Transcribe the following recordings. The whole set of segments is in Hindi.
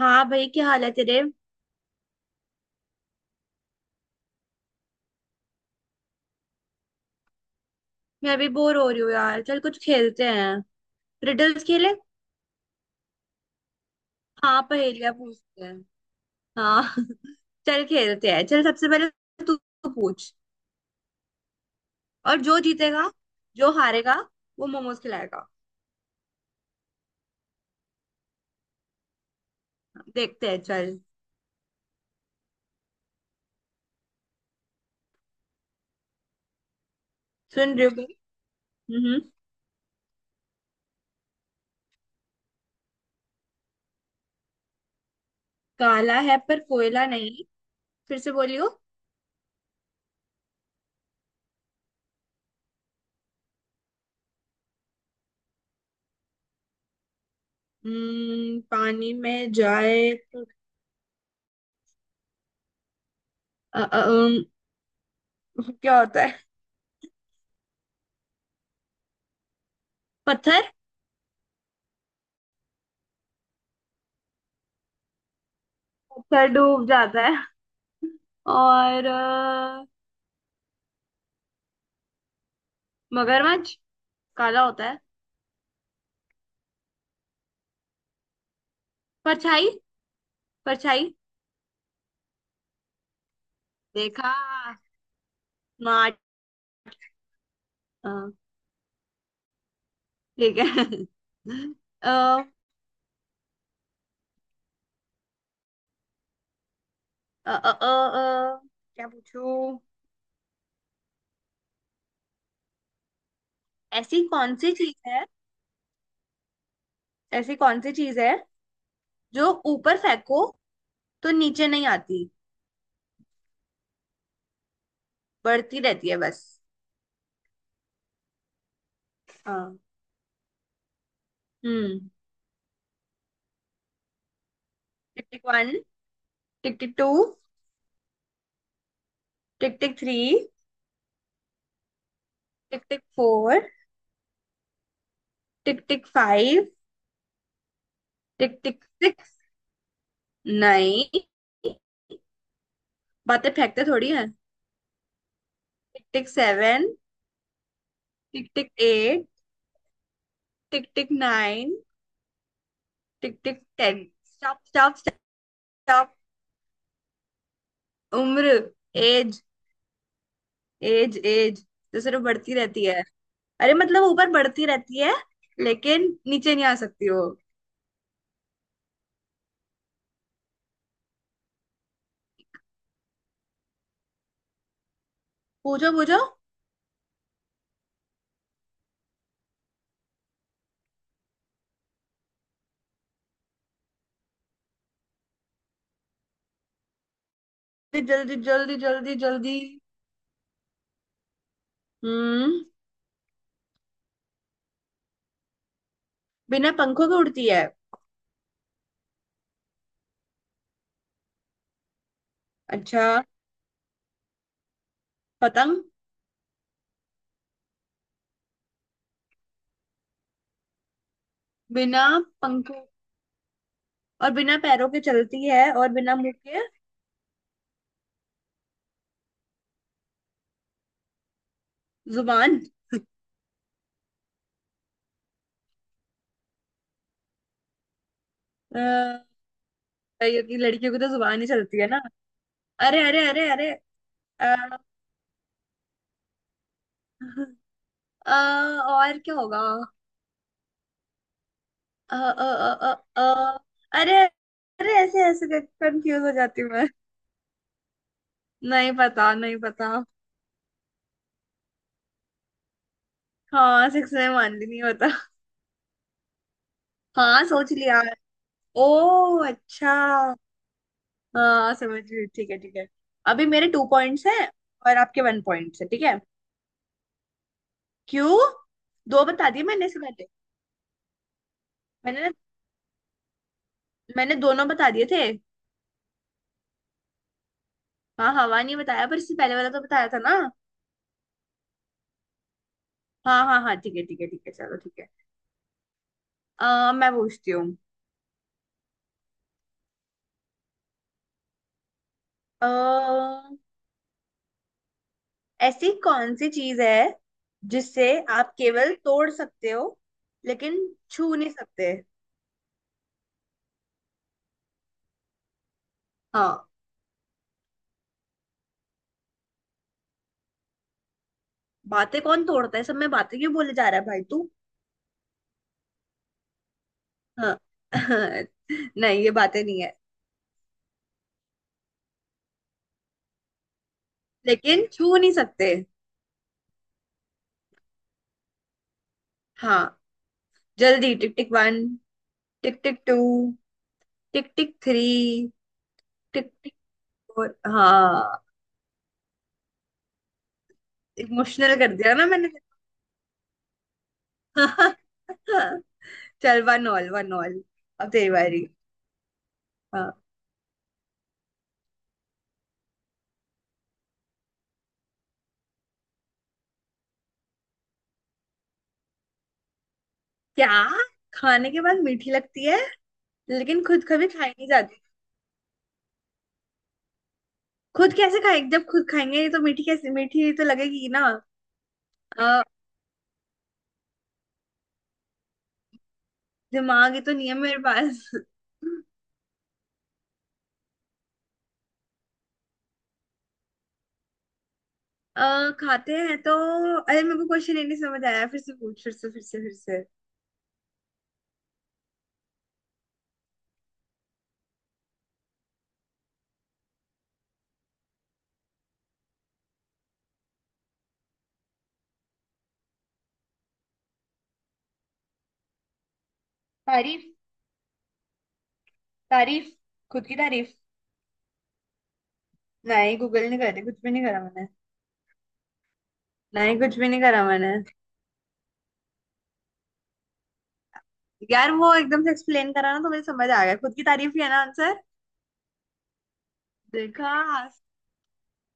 हाँ भाई, क्या हाल है तेरे। मैं भी बोर हो रही हूँ यार। चल कुछ खेलते हैं। रिडल्स खेले। हाँ, पहेलियां पूछते हैं। हाँ। चल खेलते हैं। चल सबसे पहले तू तू पूछ। और जो जीतेगा, जो हारेगा, वो मोमोज खिलाएगा। देखते हैं, चल। सुन रही हो भाई? हम्म। काला है पर कोयला नहीं। फिर से बोलियो। पानी में जाए तो अ, अ, अम, क्या होता है। पत्थर। पत्थर डूब जाता है। और मगरमच्छ काला होता है। परछाई। परछाई। देखा। स्मार्ट। हाँ। ठीक है। अ, अ, अ, अ, अ, क्या पूछूं। ऐसी कौन सी चीज है, ऐसी कौन सी चीज है जो ऊपर फेंको तो नीचे नहीं आती, बढ़ती रहती है बस। हाँ। हम्म। Tick tick one. Tick tick two. Tick tick three. Tick tick four. Tick tick five. Tick tick six. नहीं, बातें फेंकते थोड़ी है। Tick tick seven. Tick tick eight. Tick tick nine. Tick tick ten. Stop stop stop. उम्र। एज। एज एज, तो सिर्फ बढ़ती रहती है। अरे मतलब ऊपर बढ़ती रहती है, लेकिन नीचे नहीं आ सकती वो। पूछो पूछो। जल्दी जल्दी जल्दी जल्दी। हम्म। बिना पंखों के उड़ती है। अच्छा। पतंग। बिना पंखों और बिना पैरों के चलती है और बिना मुंह के। जुबान। अ, ये लड़कियों की तो जुबान ही चलती है ना। अरे अरे अरे अरे। अ, अ, और क्या होगा। अ, अ, अ, अ, अ, अरे। अरे ऐसे ऐसे कंफ्यूज हो जाती हूँ मैं। नहीं पता, नहीं पता। हाँ सिक्स में मान ली, नहीं होता। हाँ सोच लिया। ओ अच्छा। हाँ समझ गई। ठीक है, ठीक है। अभी मेरे टू पॉइंट्स हैं और आपके वन पॉइंट्स है, ठीक है। क्यों। दो बता दिए मैंने इससे पहले। मैंने मैंने दोनों बता दिए थे। हाँ हवा नहीं बताया पर इससे पहले वाला तो बताया था ना। हाँ हाँ हाँ, ठीक है ठीक है ठीक है, चलो ठीक है। मैं पूछती हूँ। अ, ऐसी कौन सी चीज है जिससे आप केवल तोड़ सकते हो, लेकिन छू नहीं सकते। हाँ। बातें कौन तोड़ता है, सब में बातें क्यों बोले जा रहा है भाई तू। हाँ। नहीं, ये बातें नहीं है। लेकिन छू नहीं सकते। हाँ। जल्दी tick tick one. Tick tick two. Tick tick three. Tick tick four. हाँ। इमोशनल कर दिया ना मैंने। चल वन ऑल वन ऑल। अब तेरी बारी। हाँ। क्या। खाने के बाद मीठी लगती है, लेकिन खुद कभी खाई नहीं जाती। खुद कैसे खाएंगे, जब खुद खाएंगे तो मीठी कैसे, मीठी तो लगेगी ना। अ, दिमाग ही तो नहीं है मेरे पास। खाते हैं तो अरे मेरे को क्वेश्चन ही नहीं समझ आया, फिर से पूछ, फिर से फिर से फिर से। तारीफ। तारीफ। खुद की तारीफ। नहीं गूगल नहीं करे, कुछ भी नहीं करा मैंने। नहीं कुछ भी नहीं करा मैंने। यार वो एकदम से एक्सप्लेन करा ना तो मुझे समझ आ गया, खुद की तारीफ ही है ना आंसर। देखा।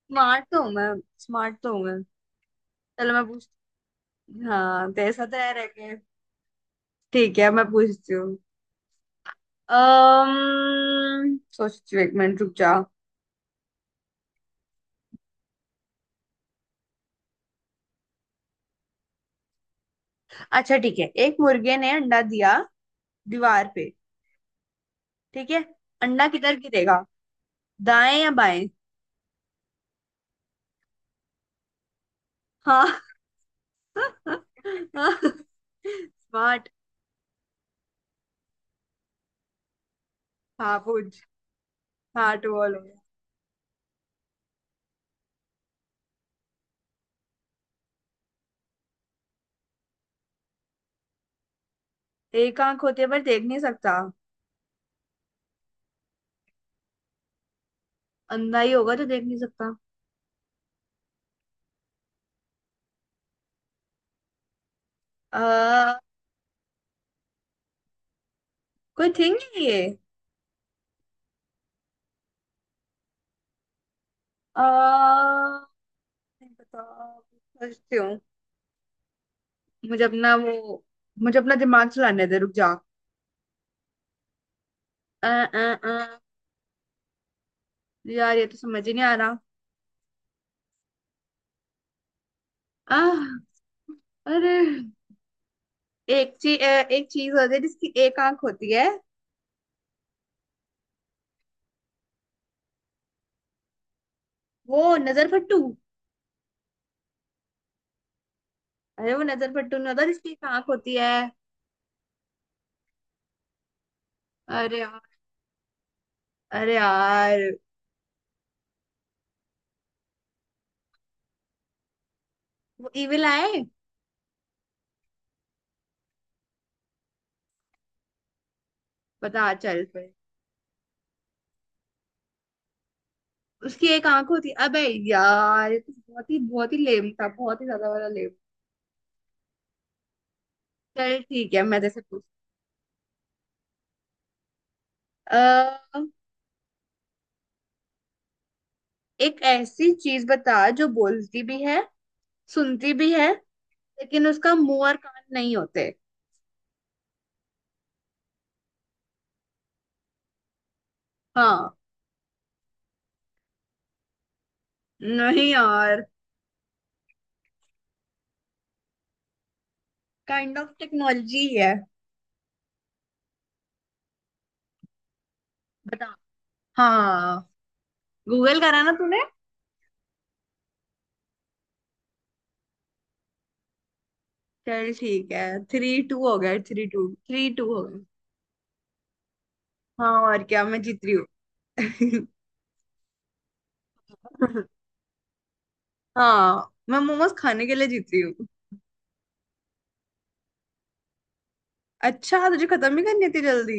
स्मार्ट तो हूँ मैं। स्मार्ट तो हूँ मैं। चलो मैं पूछ। हाँ, जैसा तैयार है कि ठीक है मैं पूछती हूँ। सोचती हूँ, एक मिनट रुक जाओ। अच्छा ठीक है, एक मुर्गे ने अंडा दिया, दीवार पे। ठीक है। अंडा किधर गिरेगा, दाएं या बाएं। हाँ। स्मार्ट। हाँ पूछ। हाँ टू ऑल हो गया। एक आंख होते पर देख नहीं सकता। अंधा ही होगा तो देख नहीं सकता। अ कोई थिंग है ये। अ नहीं पता, सोचती हूँ। मुझे अपना वो, मुझे अपना दिमाग चलाने दे, रुक जा। आ, आ, आ, यार ये तो समझ ही नहीं आ रहा। आह, अरे। एक चीज, एक चीज होती है जिसकी एक आंख होती है, वो नजर फट्टू। अरे वो नजर फट्टू नहीं होता जिसकी एक आंख होती है। अरे यार। अरे यार। वो इविल आए। पता चल पे। उसकी एक आंख होती है अबे। यार ये तो बहुत ही लेम था, बहुत ही ज्यादा वाला लेम। चल ठीक है मैं जैसे पूछ। एक ऐसी चीज बता जो बोलती भी है, सुनती भी है, लेकिन उसका मुंह और कान नहीं होते। हाँ। नहीं यार। काइंड ऑफ टेक्नोलॉजी है। बता। हाँ। गूगल करा ना तूने। चल ठीक है। थ्री टू हो गया, थ्री टू, थ्री टू हो गया। हाँ और क्या, मैं जीत रही हूँ। हाँ मैं मोमोज खाने के लिए जीत रही हूँ। अच्छा तुझे खत्म ही करनी थी जल्दी।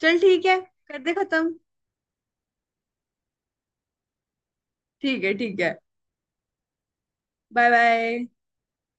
चल ठीक है, कर दे खत्म। ठीक है, ठीक है। Bye bye.